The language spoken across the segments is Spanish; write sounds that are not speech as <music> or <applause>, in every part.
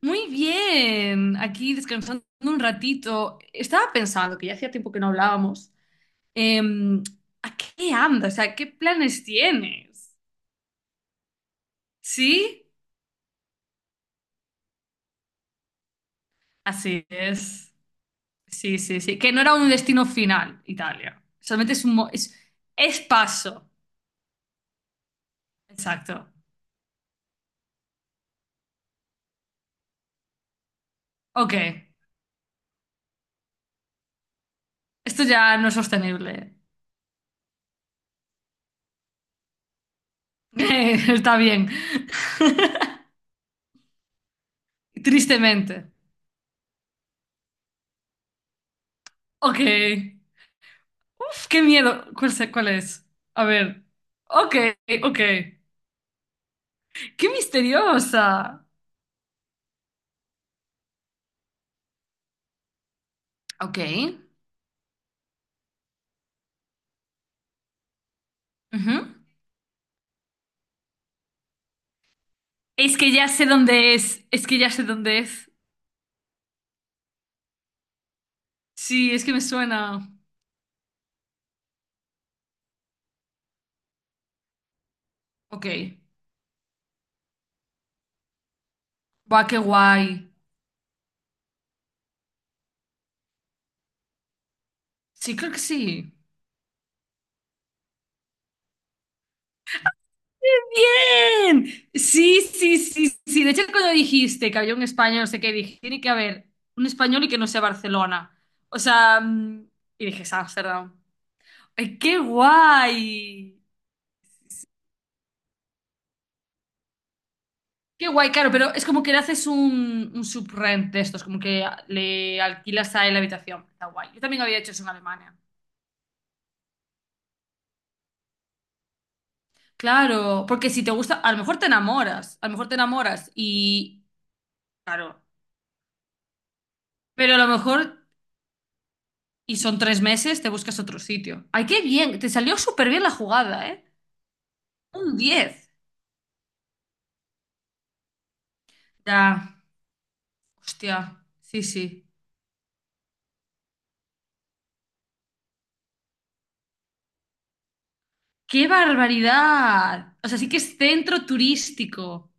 Muy bien, aquí descansando un ratito. Estaba pensando que ya hacía tiempo que no hablábamos, em, ¿a qué andas? O sea, ¿qué planes tienes? ¿Sí? Así es. Sí. Que no era un destino final, Italia. Solamente es un... mo- es paso. Exacto. Ok, esto ya no es sostenible. <laughs> Está bien. <laughs> Tristemente. Ok. Uf, qué miedo. ¿Cuál es? A ver. Ok, ok. Qué misteriosa. Ok. Ujú. Es que ya sé dónde es. Es que ya sé dónde es. Sí, es que me suena. Ok. Va, qué guay. Sí, creo que sí. ¡Bien! Sí. De hecho, cuando dijiste que había un español, no sé qué, dije, tiene que haber un español y que no sea Barcelona. O sea, y dije, es Ámsterdam. ¡Ay, qué guay! Qué guay, claro, pero es como que le haces un subrent de estos, como que le alquilas a él la habitación. Está guay. Yo también había hecho eso en Alemania. Claro, porque si te gusta, a lo mejor te enamoras, a lo mejor te enamoras y, claro, pero a lo mejor, y son tres meses, te buscas otro sitio. Ay, qué bien, te salió súper bien la jugada, ¿eh? Un diez. Ya, hostia, sí. ¡Qué barbaridad! O sea, sí que es centro turístico.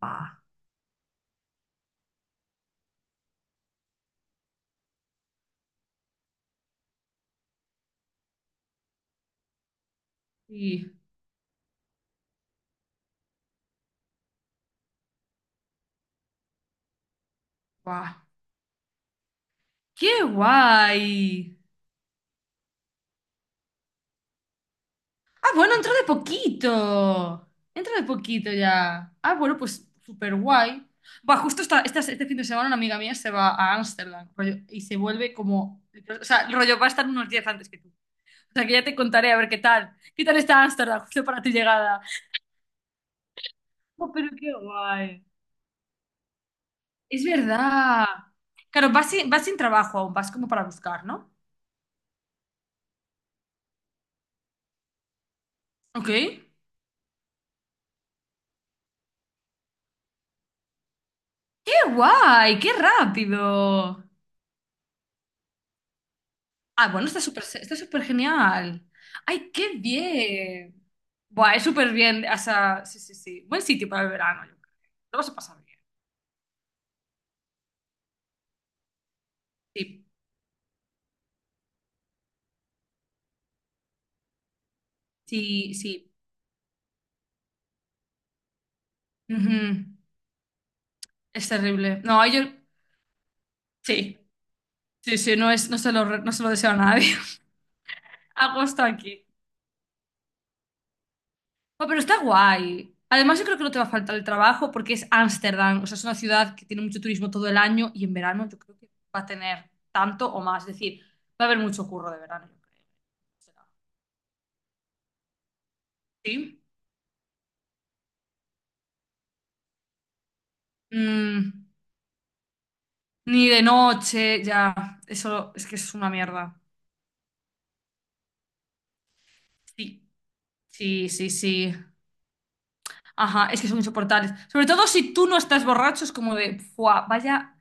Buah, sí, guau. ¡Qué guay! Ah, bueno, entró de poquito. Entró de poquito ya. Ah, bueno, pues súper guay. Va, este fin de semana una amiga mía se va a Ámsterdam rollo, y se vuelve como... O sea, rollo, va a estar unos días antes que tú. O sea, que ya te contaré a ver qué tal. ¿Qué tal está Ámsterdam justo para tu llegada? Oh, pero qué guay. Es verdad. Claro, vas sin trabajo aún, vas como para buscar, ¿no? Ok. ¡Qué guay! ¡Qué rápido! Ah, bueno, está súper genial. ¡Ay, qué bien! Buah, es súper bien. O sea, sí. Buen sitio para el verano, yo creo. Lo vas a pasar bien. Sí, sí. Ujú. Es terrible. No, yo... Sí, sí, no, es, no se lo deseo a nadie. <laughs> Agosto aquí. No, pero está guay. Además, yo creo que no te va a faltar el trabajo porque es Ámsterdam. O sea, es una ciudad que tiene mucho turismo todo el año y en verano yo creo que va a tener tanto o más. Es decir, va a haber mucho curro de verano, yo creo. O ¿sí? Mm, ni de noche, ya. Eso es que es una mierda. Sí, sí. Ajá, es que son insoportables. Sobre todo si tú no estás borracho, es como de, ¡fua! Vaya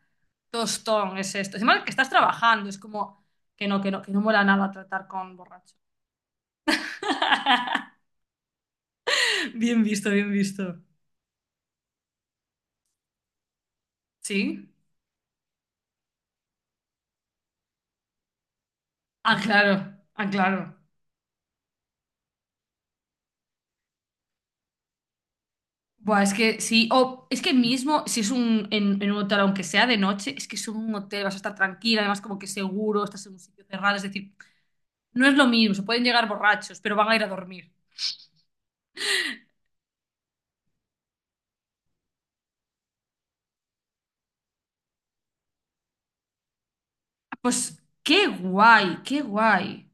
tostón es esto. Encima que estás trabajando, es como que no, que no, que no mola nada tratar con borracho. <laughs> Bien visto. ¿Sí? Claro, ah, claro. Buah, es que sí, o es que mismo si es un, en un hotel, aunque sea de noche, es que es un hotel, vas a estar tranquila, además como que seguro, estás en un sitio cerrado, es decir, no es lo mismo, se pueden llegar borrachos, pero van a ir a dormir. Pues qué guay.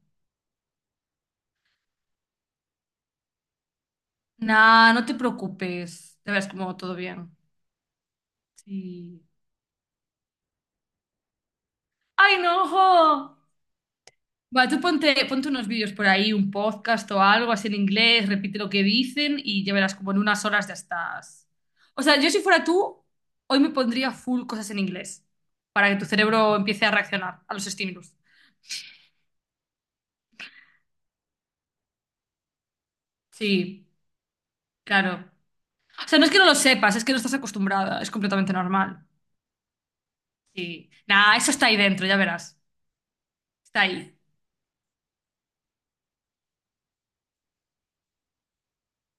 Nah, no te preocupes. Ya verás como todo bien. Sí. ¡Ay, no! ¡Jo! Va, tú ponte, ponte unos vídeos por ahí, un podcast o algo así en inglés, repite lo que dicen y ya verás como en unas horas ya estás. O sea, yo si fuera tú, hoy me pondría full cosas en inglés para que tu cerebro empiece a reaccionar a los estímulos. Sí, claro. O sea, no es que no lo sepas, es que no estás acostumbrada, es completamente normal. Sí. Nah, eso está ahí dentro, ya verás. Está ahí.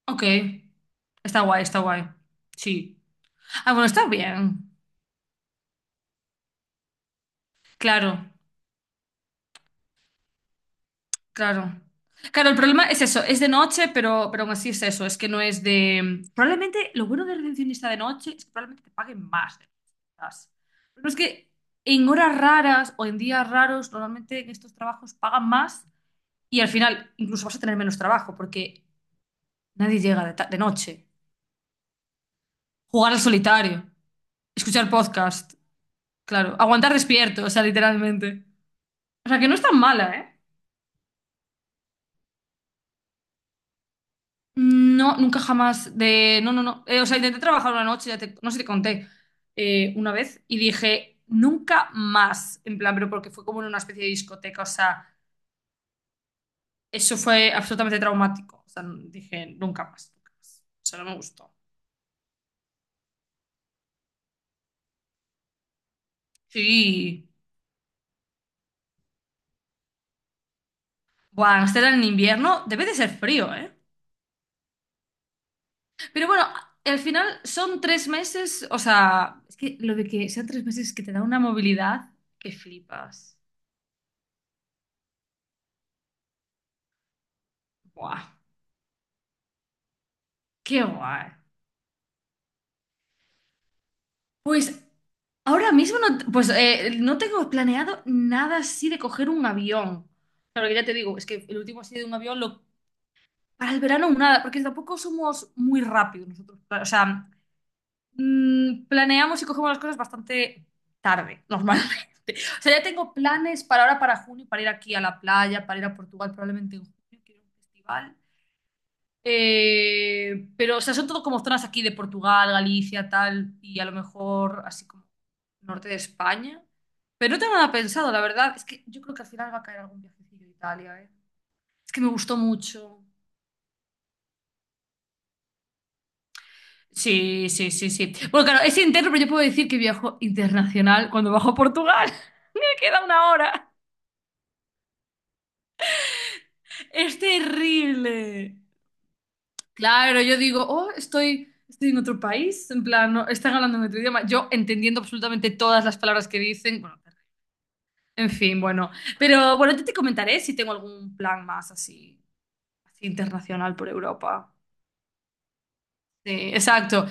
Ok, está guay. Sí. Ah, bueno, está bien. Claro, claro. Claro, el problema es eso, es de noche, pero aún así es eso, es que no es de... Probablemente lo bueno del recepcionista de noche es que probablemente te paguen más de lo que estás. Pero es que en horas raras o en días raros, normalmente en estos trabajos pagan más y al final incluso vas a tener menos trabajo porque nadie llega de, ta- de noche. Jugar al solitario, escuchar podcast, claro, aguantar despierto, o sea, literalmente. O sea, que no es tan mala, ¿eh? No, nunca jamás de... No. O sea, intenté trabajar una noche, no sé si te conté, una vez y dije, nunca más. En plan, pero porque fue como en una especie de discoteca. O sea, eso fue absolutamente traumático. O sea, dije, nunca más, nunca más. O sea, no me gustó. Sí. Buah, Amsterdam en invierno debe de ser frío, ¿eh? Pero bueno, al final son tres meses. O sea, es que lo de que sean tres meses que te da una movilidad que flipas. Buah, qué guay. Pues ahora mismo no, pues, no tengo planeado nada así de coger un avión. Claro que ya te digo, es que el último así de un avión lo, para el verano nada, porque tampoco somos muy rápidos nosotros. O sea, planeamos y cogemos las cosas bastante tarde, normalmente. <laughs> O sea, ya tengo planes para ahora, para junio, para ir aquí a la playa, para ir a Portugal probablemente en junio, quiero un festival. Pero, o sea, son todo como zonas aquí de Portugal, Galicia, tal, y a lo mejor así como norte de España. Pero no tengo nada pensado, la verdad. Es que yo creo que al final va a caer algún viajecillo a Italia, ¿eh? Es que me gustó mucho. Sí. Bueno, claro, es interno, pero yo puedo decir que viajo internacional cuando bajo a Portugal. <laughs> Me queda una hora. Es terrible. Claro, yo digo, oh, estoy en otro país, en plan, no, están hablando en otro idioma. Yo entendiendo absolutamente todas las palabras que dicen, bueno, en fin, bueno. Pero bueno, yo te comentaré si tengo algún plan más así, así internacional por Europa. Sí, exacto.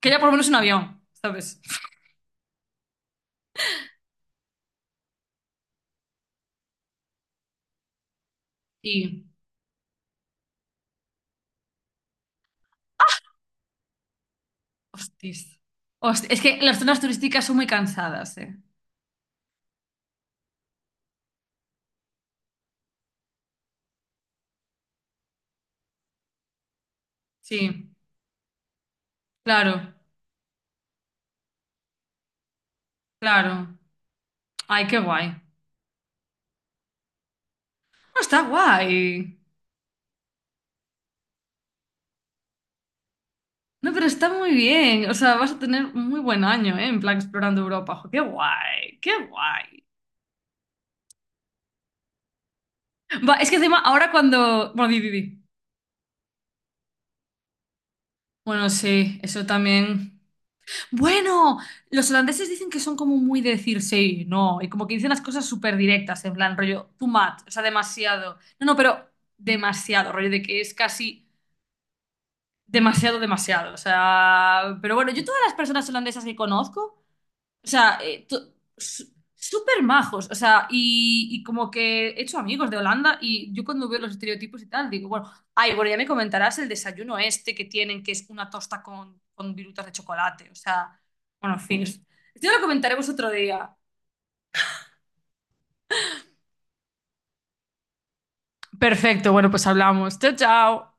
Que ya por lo menos un avión, ¿sabes? Y, hostis. Es que las zonas turísticas son muy cansadas, ¿eh? Sí, claro, claro. Ay, qué guay. No, está guay. No, pero está muy bien. O sea, vas a tener muy buen año, ¿eh? En plan explorando Europa. Jo, qué guay. Va, es que encima ahora cuando... Bueno, di. Bueno, sí, eso también. Bueno, los holandeses dicen que son como muy de decir sí, no, y como que dicen las cosas súper directas, en plan rollo, too much, o sea, demasiado. No, no, pero demasiado, rollo de que es casi demasiado, demasiado. O sea, pero bueno, yo todas las personas holandesas que conozco o sea, súper majos, o sea, y como que he hecho amigos de Holanda y yo cuando veo los estereotipos y tal, digo, bueno, ay, bueno, ya me comentarás el desayuno este que tienen, que es una tosta con virutas de chocolate, o sea, bueno, en fin, esto ya lo comentaremos otro día. Perfecto, bueno, pues hablamos. Chao, chao.